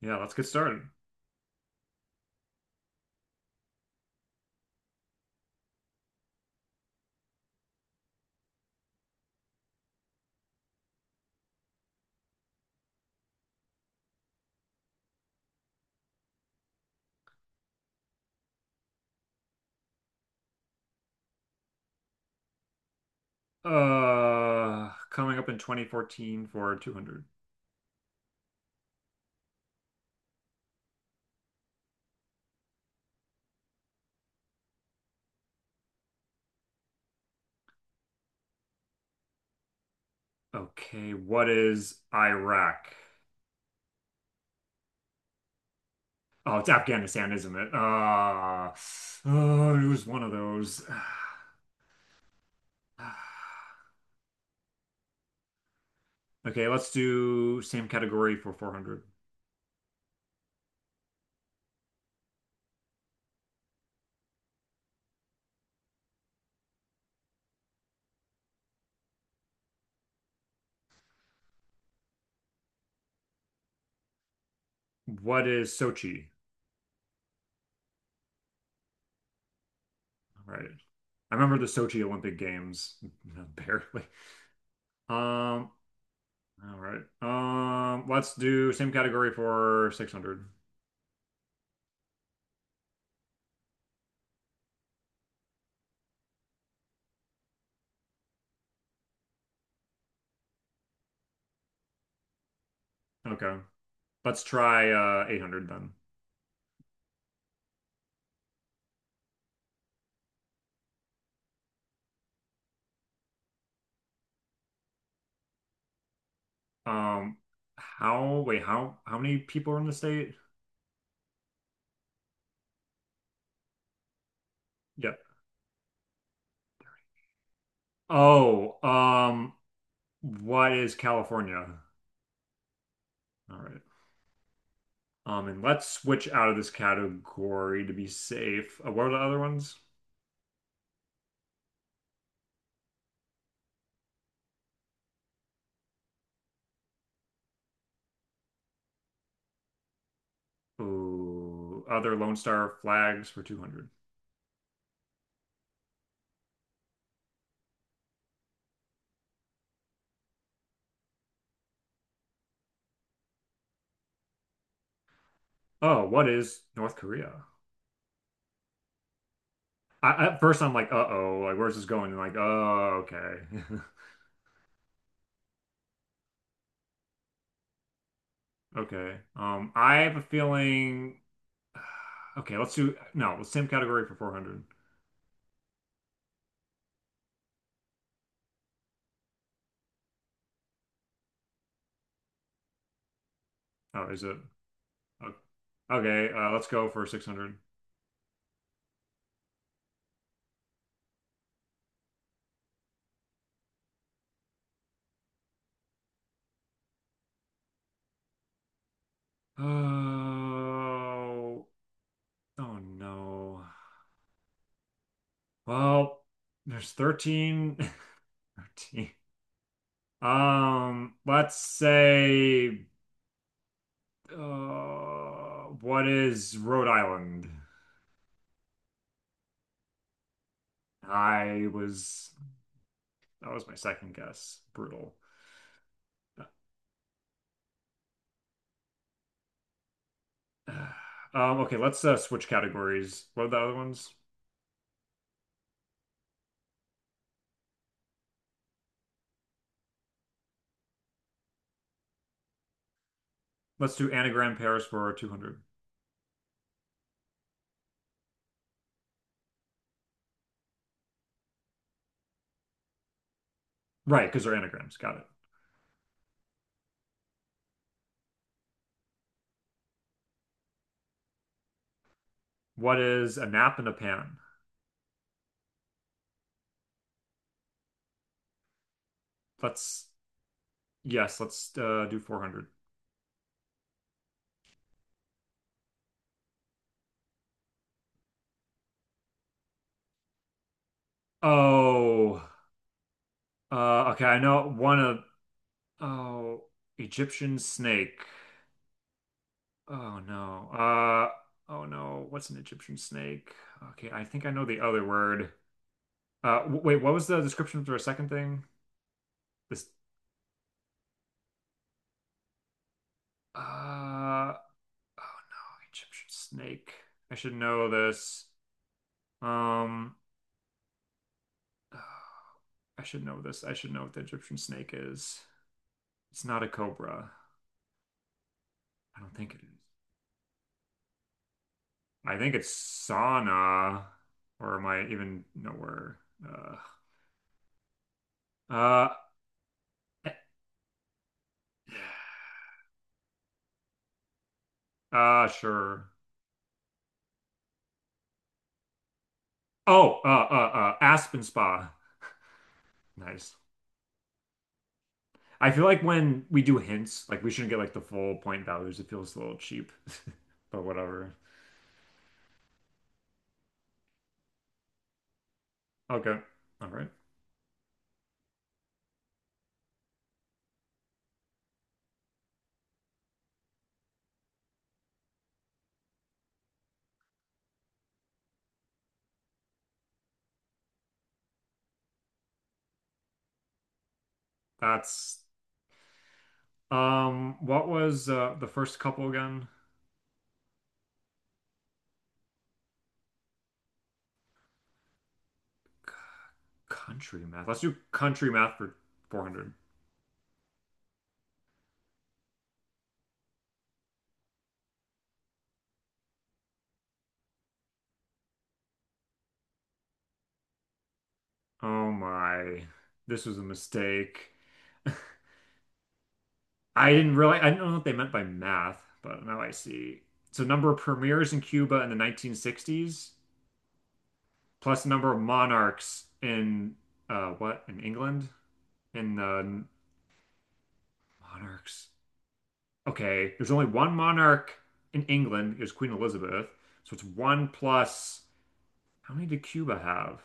Yeah, let's get started. Coming up in 2014 for 200. Okay, what is Iraq? Oh, it's Afghanistan, isn't it? Oh, it was one of those. Okay, let's do same category for 400. What is Sochi? All right. I remember the Sochi Olympic Games, barely. Um, all right. Let's do same category for 600. Okay. Let's try 800 then. Um, wait, how many people are in the state? Yeah. Oh, what is California? All right. And let's switch out of this category to be safe. What are the other ones? Ooh, other Lone Star flags for 200. Oh, what is North Korea? At first, I'm like, uh-oh, like where's this going? And like, oh, okay, okay. I have a feeling. Okay, let's do no, same category for 400. Oh, is it? O- Okay, let's go for 600. Oh, oh no. Well, there's 13, 13. Let's say, what is Rhode Island? I was, that was my second guess. Brutal. Okay, let's switch categories. What are the other ones? Let's do anagram pairs for 200. Right, because they're anagrams. Got it. What is a nap and a pan? Let's yes, let's do 400. Oh, okay. I know one of oh, Egyptian snake. Oh no. Oh no. What's an Egyptian snake? Okay, I think I know the other word. W wait, what was the description for a second thing? This. Uh, oh no, Egyptian snake. I should know this. Um, I should know this. I should know what the Egyptian snake is. It's not a cobra. I don't think it is. I think it's sauna, or am I even no where? Uh, uh, eh, sure. Oh, uh, uh, Aspen Spa. Nice. I feel like when we do hints, like we shouldn't get like the full point values. It feels a little cheap, but whatever. Okay. All right. That's. What was the first couple again? Country math. Let's do country math for 400. Oh my. This was a mistake. I didn't really, I don't know what they meant by math, but now I see. So number of premiers in Cuba in the 1960s, plus the number of monarchs in what in England? In the monarchs. Okay, there's only one monarch in England. It was Queen Elizabeth. So it's one plus. How many did Cuba have?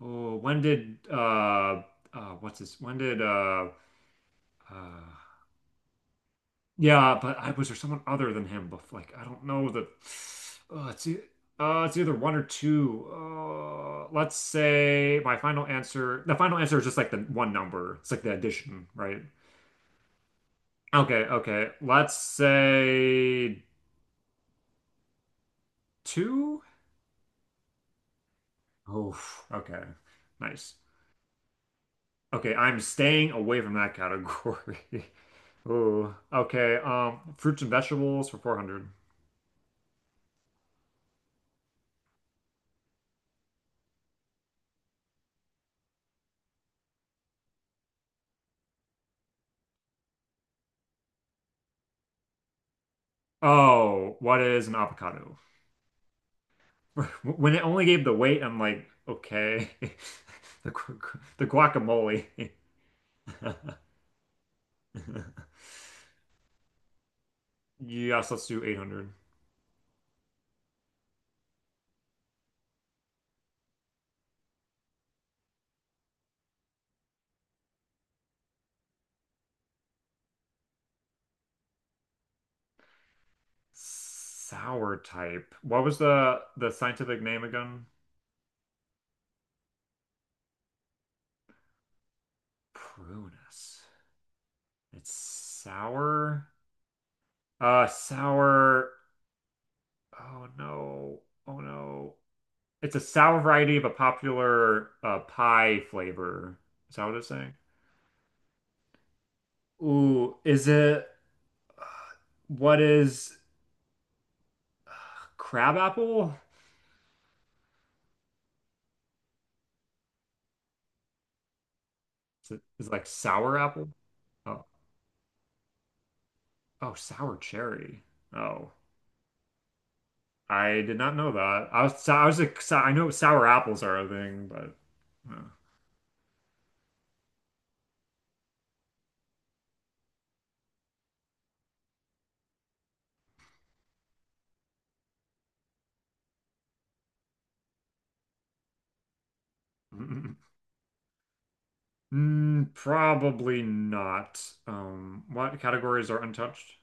Oh, when did what's this? When did uh Yeah, but I was there someone other than him before? Like I don't know the. Uh, it's e- it's either one or two. Let's say my final answer. The final answer is just like the one number. It's like the addition, right? Okay, okay. Let's say two. Oh, okay. Nice. Okay, I'm staying away from that category. Oh, okay. Fruits and vegetables for 400. Oh, what is an avocado? When it only gave the weight, I'm like, okay. The the guacamole. Yes, let's do 800. Sour type. What was the scientific name again? Prunus. It's sour. Sour. Oh no. Oh no. It's a sour variety of a popular pie flavor. Is that what it's saying? Ooh, is it? uh, What is? Crab apple. Is it, is it like sour apple? Oh, oh, sour cherry. Oh, I did not know that. I was like, so, I know sour apples are a thing, but uh, mm, probably not. What categories are untouched?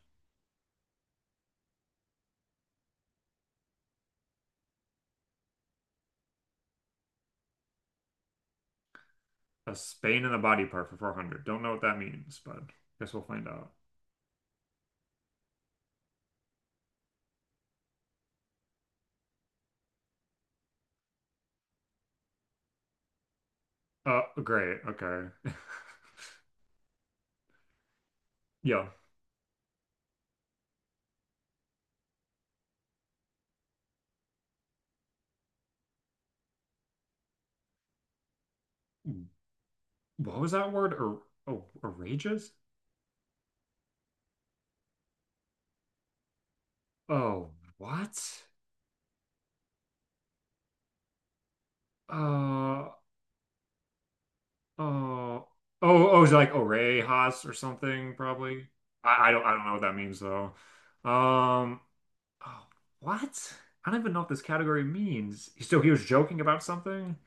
A Spain and a body part for 400. Don't know what that means, but guess we'll find out. Great. Okay. Yeah. What was that word? Or oh, outrageous? Oh, what? Uh, Oh, oh, oh, is it like Orejas or something, probably. I don't know what that means though. Um, oh, what? I don't even know what this category means. So he was joking about something?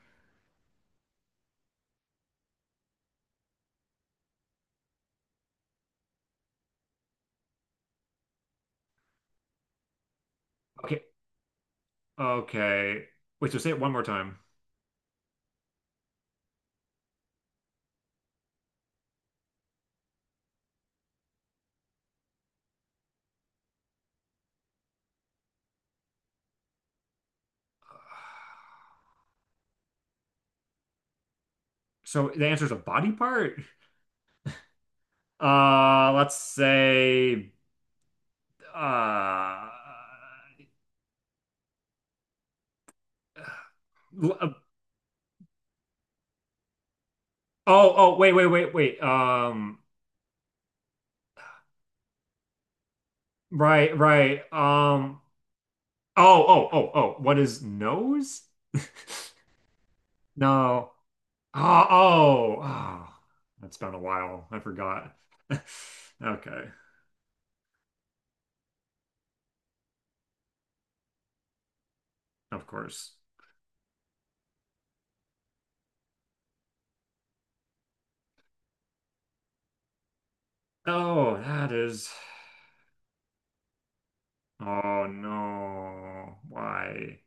Okay, okay. Wait, so say it one more time. So the answer is a body part? Uh, let's say, uh, l- uh, oh, oh, wait, wait, wait, wait. Right, right. Oh, oh, oh, oh. What is nose? No. Oh, oh, oh. That's been a while. I forgot. Okay, of course. Oh, that is. Oh no. Why?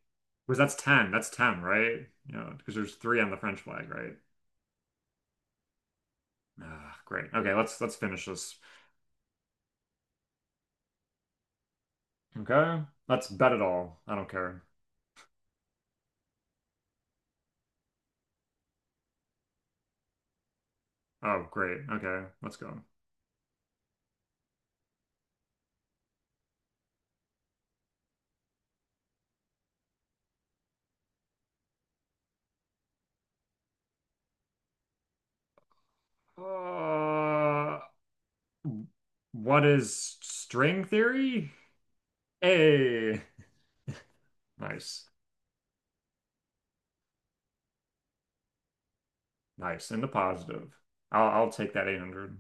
Because that's 10. That's 10, right? You know, because there's three on the French flag, right? Ah, great. Okay, let's finish this. Okay. Let's bet it all. I don't care. Oh, great. Okay, let's go. Uh, What is string theory? Hey, nice, nice, in the positive. I'll take that 800.